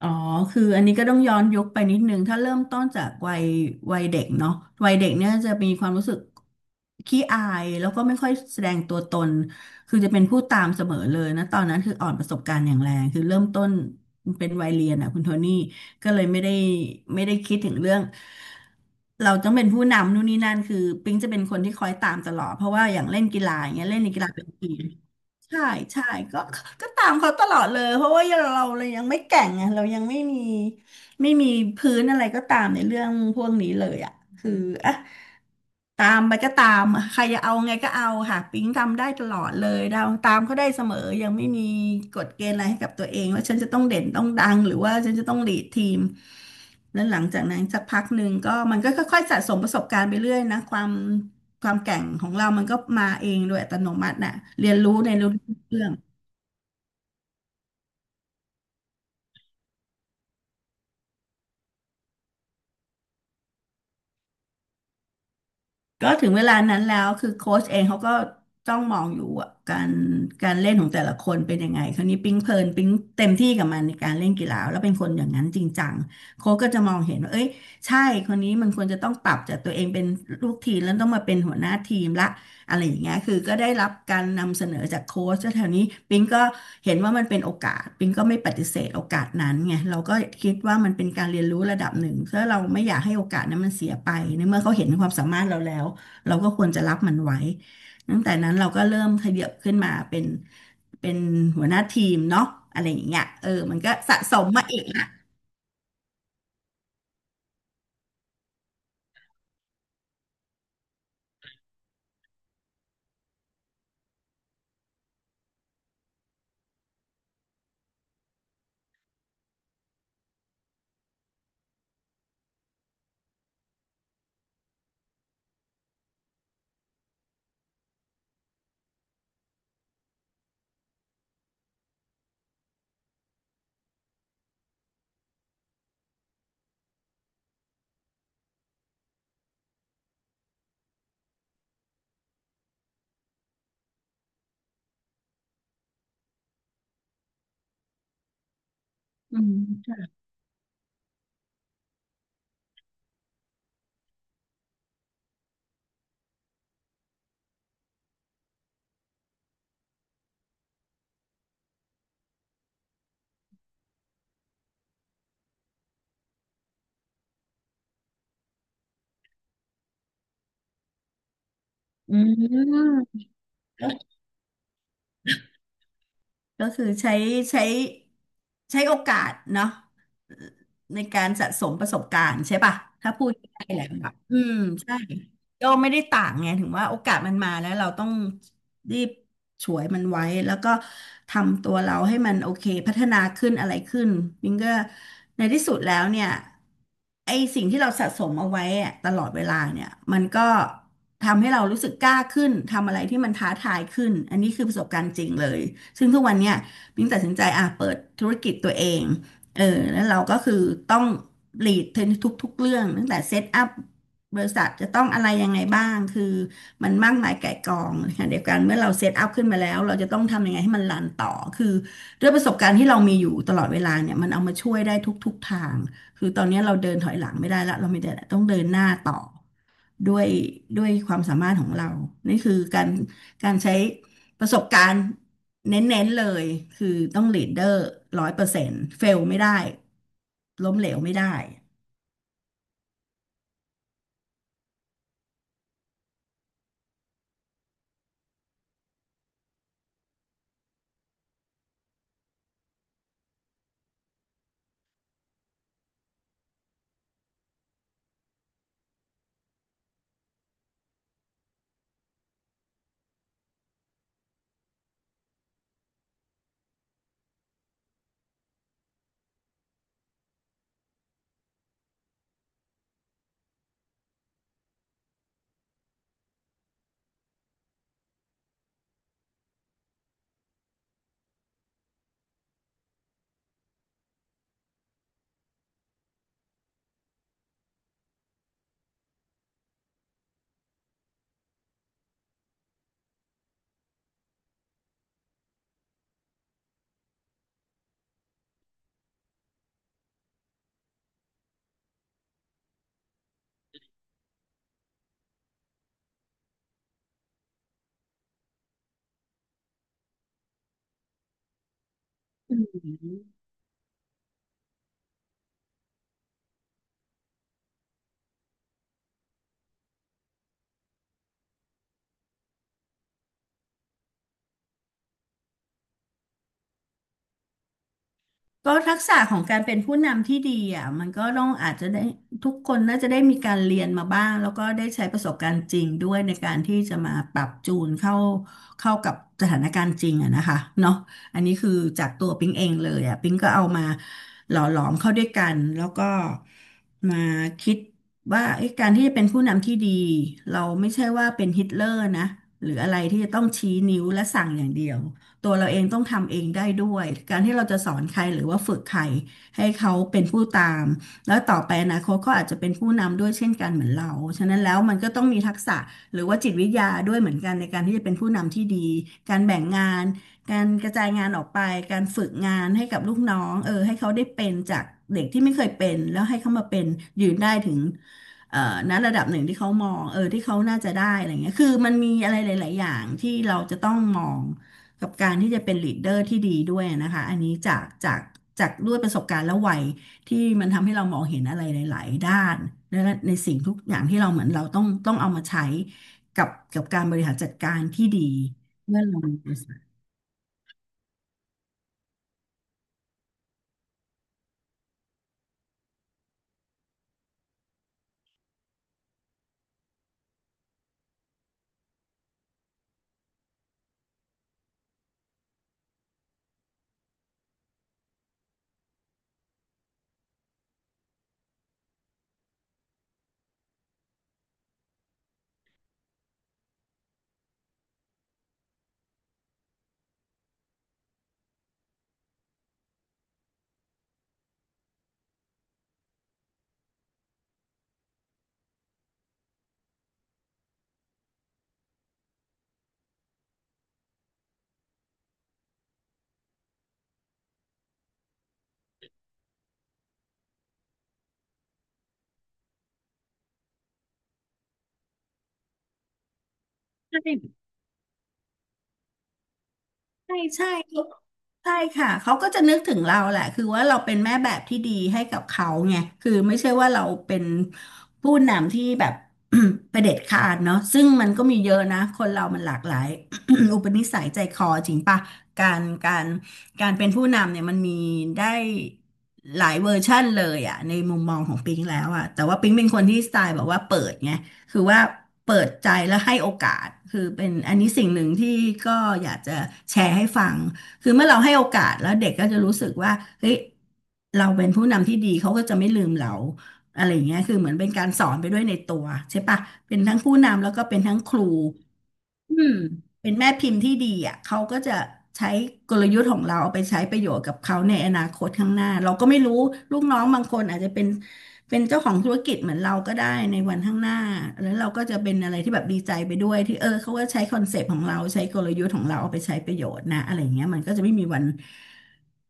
อ๋อคืออันนี้ก็ต้องย้อนยุคไปนิดนึงถ้าเริ่มต้นจากวัยเด็กเนาะวัยเด็กเนี่ยจะมีความรู้สึกขี้อายแล้วก็ไม่ค่อยแสดงตัวตน คือจะเป็นผู้ตามเสมอเลยนะ ตอนนั้นคืออ่อนประสบการณ์อย่างแรงคือเริ่มต้นเป็นวัยเรียนอ่ะคุณโทนี่ก็เลยไม่ได้คิดถึงเรื่องเราต้องเป็นผู้นำนู่นนี่นั่นคือปิ๊งจะเป็นคนที่คอยตามตลอดเพราะว่าอย่างเล่นกีฬาอย่างเงี้ยเล่นในกีฬาเป็นทีม ใช่ใช่ก็ก็ตามเขาตลอดเลยเพราะว่าเรายังไม่แก่งไงเรายังไม่มีพื้นอะไรก็ตามในเรื่องพวกนี้เลยอ่ะคืออ่ะตามไปก็ตามอะใครจะเอาไงก็เอาค่ะปิ๊งทำได้ตลอดเลยเราตามเขาได้เสมอยังไม่มีกฎเกณฑ์อะไรให้กับตัวเองว่าฉันจะต้องเด่นต้องดังหรือว่าฉันจะต้องลีดทีมแล้วหลังจากนั้นสักพักหนึ่งก็มันก็ค่อยๆสะสมประสบการณ์ไปเรื่อยนะความ ความแกร่งของเรามันก็มาเองโดยอัตโนมัติน่ะเรียนรู้ในรู้เรื่องก็ถึงเวลานั้นแล้วคือโค้ชเองเขาก็ต้องมองอยู่ว่าการเล่นของแต่ละคนเป็นยังไงคราวนี้ปิ๊งเพลินปิ๊งเต็มที่กับมันในการเล่นกีฬาแล้วเป็นคนอย่างนั้นจริงจังโค้ชก็จะมองเห็นว่าเอ้ยใช่คนนี้มันควรจะต้องปรับจากตัวเองเป็นลูกทีมแล้วต้องมาเป็นหัวหน้าทีมละ อะไรอย่างเงี้ยคือก็ได้รับการนำเสนอจากโค้ชแถวนี้ปิงก็เห็นว่ามันเป็นโอกาสปิงก็ไม่ปฏิเสธโอกาสนั้นไงเราก็คิดว่ามันเป็นการเรียนรู้ระดับหนึ่งเพราะเราไม่อยากให้โอกาสนั้นมันเสียไปในเมื่อเขาเห็นความสามารถเราแล้วเราก็ควรจะรับมันไว้ตั้งแต่นั้นเราก็เริ่มขยับขึ้นมาเป็นหัวหน้าทีมเนาะอะไรอย่างเงี้ยเออมันก็สะสมมาอีกอ่ะอืมอืมเออ ก็คือใช้ใช้โอกาสเนาะในการสะสมประสบการณ์ใช่ป่ะถ้าพูดไ่ยแหละแบบอืมใช่ก็ไม่ได้ต่างไงถึงว่าโอกาสมันมาแล้วเราต้อง รีบฉวยมันไว้แล้วก็ทำตัวเราให้มันโอเคพัฒนาขึ้นอะไรขึ้นมิงก็ในที่สุดแล้วเนี่ยไอสิ่งที่เราสะสมเอาไว้อะตลอดเวลาเนี่ยมันก็ทำให้เรารู้สึกกล้าขึ้นทำอะไรที่มันท้าทายขึ้นอันนี้คือประสบการณ์จริงเลยซึ่งทุกวันเนี่ยมิงตัดสินใจอ่ะเปิดธุรกิจตัวเอง เออแล้วเราก็คือต้องลีดทุกๆเรื่องตั้งแต่เซตอัพบริษัทจะต้องอะไรยังไงบ้างคือมันมากมายไก่ายกองค่ะเดียวกันเมื่อเราเซตอัพขึ้นมาแล้วเราจะต้องทำยังไงให้มันรันต่อคือด้วยประสบการณ์ที่เรามีอยู่ตลอดเวลาเนี่ยมันเอามาช่วยได้ทุกๆทางคือตอนนี้เราเดินถอยหลังไม่ได้ละเรามีแต่ต้องเดินหน้าต่อด้วยด้วยความสามารถของเรานี่คือการใช้ ประสบการณ์เน้นๆเลยคือต้องลีดเดอร์100%เฟลไม่ได้ล้มเหลวไม่ได้ ก็ทักษะของการเป็นผู้นำที่ดีอ่ะมันก็ต้องอาจจะได้ทุกคนน่าจะได้มีการเรียนมาบ้างแล้วก็ได้ใช้ประสบการณ์จริงด้วยในการที่จะมาปรับจูนเข้ากับสถานการณ์จริงอะนะคะเนาะอันนี้คือจากตัวปิ๊งเองเลยอ่ะปิ๊งก็เอามาหล่อหลอมเข้าด้วยกันแล้วก็มาคิดว่าเอ้การที่จะเป็นผู้นำที่ดีเราไม่ใช่ว่าเป็นฮิตเลอร์นะหรืออะไรที่จะต้องชี้นิ้วและสั่งอย่างเดียว ตัวเราเองต้องทำเองได้ด้วย การที่เราจะสอนใครหรือว่าฝึกใครให้เขาเป็นผู้ตามแล้วต่อไปอนะเขาก็อาจจะเป็นผู้นำด้วยเช่นกันเหมือนเรา ฉะนั้นแล้วมันก็ต้องมีทักษะหรือว่าจิตวิทยาด้วยเหมือนกันในการที่จะเป็นผู้นำที่ดี การแบ่งงาน การกระจายงานออกไป การฝึกงานให้กับลูกน้องให้เขาได้เป็นจากเด็กที่ไม่เคยเป็นแล้วให้เขามาเป็นยืนได้ถึงณระดับหนึ่งที่เขามองที่เขาน่าจะได้อะไรเงี้ยคือมันมีอะไรหลายๆอย่างที่เราจะต้องมอง กับการที่จะเป็นลีดเดอร์ที่ดีด้วยนะคะอันนี้จากด้วยประสบการณ์และวัยที่มันทำให้เรามองเห็นอะไรหลายๆด้านและในสิ่งทุกอย่างที่เราเหมือนเราต้องเอามาใช้กับการบริหารจัดการที่ดีเมื่อเรามีบริษัทใช่ ใช่ใช่เขาใช่ค่ะเขาก็จะนึกถึงเราแหละคือว่าเราเป็นแม่แบบที่ดีให้กับเขาไงคือไม่ใช่ว่าเราเป็นผู้นำที่แบบ เผด็จขาดเนาะซึ่งมันก็มีเยอะนะคนเรามันหลากหลาย อุปนิสัยใจคอจริงปะการการเป็นผู้นำเนี่ยมันมีได้หลายเวอร์ชั่นเลยอะในมุมมองของปิงแล้วอะแต่ว่าปิงเป็นคนที่สไตล์แบบว่าเปิดไง คือว่าเปิดใจและให้โอกาสคือเป็นอันนี้สิ่งหนึ่งที่ก็อยากจะแชร์ให้ฟังคือเมื่อเราให้โอกาสแล้วเด็กก็จะรู้สึกว่าเฮ้ยเราเป็นผู้นำที่ดีเขาก็จะไม่ลืมเราอะไรอย่างเงี้ยคือเหมือนเป็นการสอนไปด้วยในตัวใช่ปะเป็นทั้งผู้นำแล้วก็เป็นทั้งครู อืมเป็นแม่พิมพ์ที่ดีอ่ะเขาก็จะใช้กลยุทธ์ของเราเอาไปใช้ประโยชน์กับเขาในอนาคตข้างหน้าเราก็ไม่รู้ลูกน้องบางคนอาจจะเป็นเป็นเจ้าของธุรกิจเหมือนเราก็ได้ในวันข้างหน้าแล้วเราก็จะเป็นอะไรที่แบบดีใจไปด้วยที่เขาก็ใช้คอนเซปต์ของเราใช้กลยุทธ์ของเราเอาไปใช้ประโยชน์นะอะไรอย่างเงี้ยมันก็จะไม่มีวัน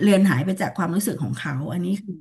เลือนหายไปจากความรู้สึกของเขาอันนี้คือ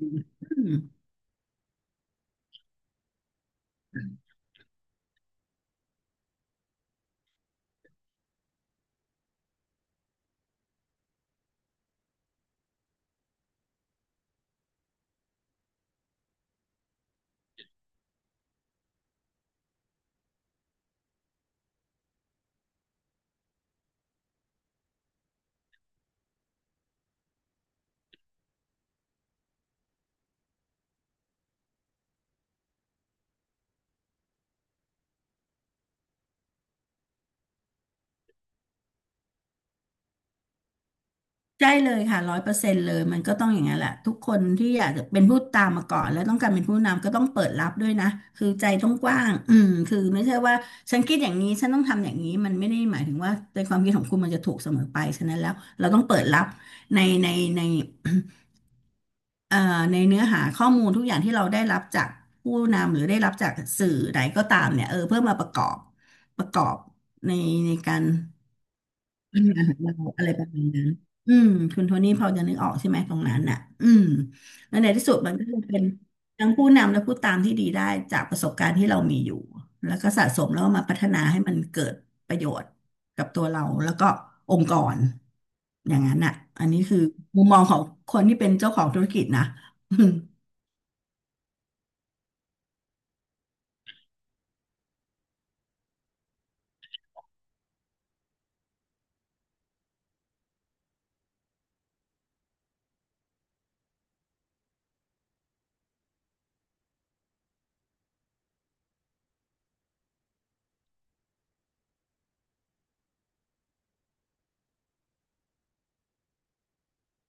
ใช่เลยค่ะ100%เลยมันก็ต้องอย่างนั้นแหละทุกคนที่อยากจะเป็นผู้ตามมาก่อนแล้วต้องการเป็นผู้นำก็ต้องเปิดรับด้วยนะคือใจต้องกว้างอืมคือไม่ใช่ว่าฉันคิดอย่างนี้ฉันต้องทำอย่างนี้มันไม่ได้หมายถึงว่าในความคิดของคุณมันจะถูกเสมอไปฉะนั้นแล้วเราต้องเปิดรับในในในเอ่อในเนื้อหาข้อมูลทุกอย่างที่เราได้รับจากผู้นำหรือได้รับจากสื่อใดก็ตามเนี่ยเพื่อมาประกอบประกอบในในการ ปัญหาของเราอะไรประมาณนั้นอืมคุณโทนี่พอจะนึกออกใช่ไหมตรงนั้นน่ะอืมแล้วในที่สุดมันก็เลเป็นทั้งผู้นำและผู้ตามที่ดีได้จากประสบการณ์ที่เรามีอยู่แล้วก็สะสมแล้วมาพัฒนาให้มันเกิดประโยชน์กับตัวเราแล้วก็องค์กรอย่างนั้นน่ะอันนี้คือมุมมองของคนที่เป็นเจ้าของธุรกิจนะ อืม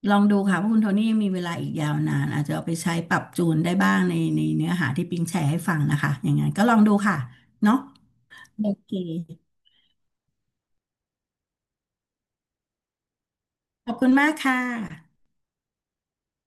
ลองดูค่ะเพราะคุณโทนี่ยังมีเวลาอีกยาวนานอาจจะเอาไปใช้ปรับจูนได้บ้างในในเนื้อหาที่ปิงแชร์ให้ฟังนะคะอย่างนั้นก็ลองดูค่ะเนาะ โอเค ขอบคุณมากค่ะ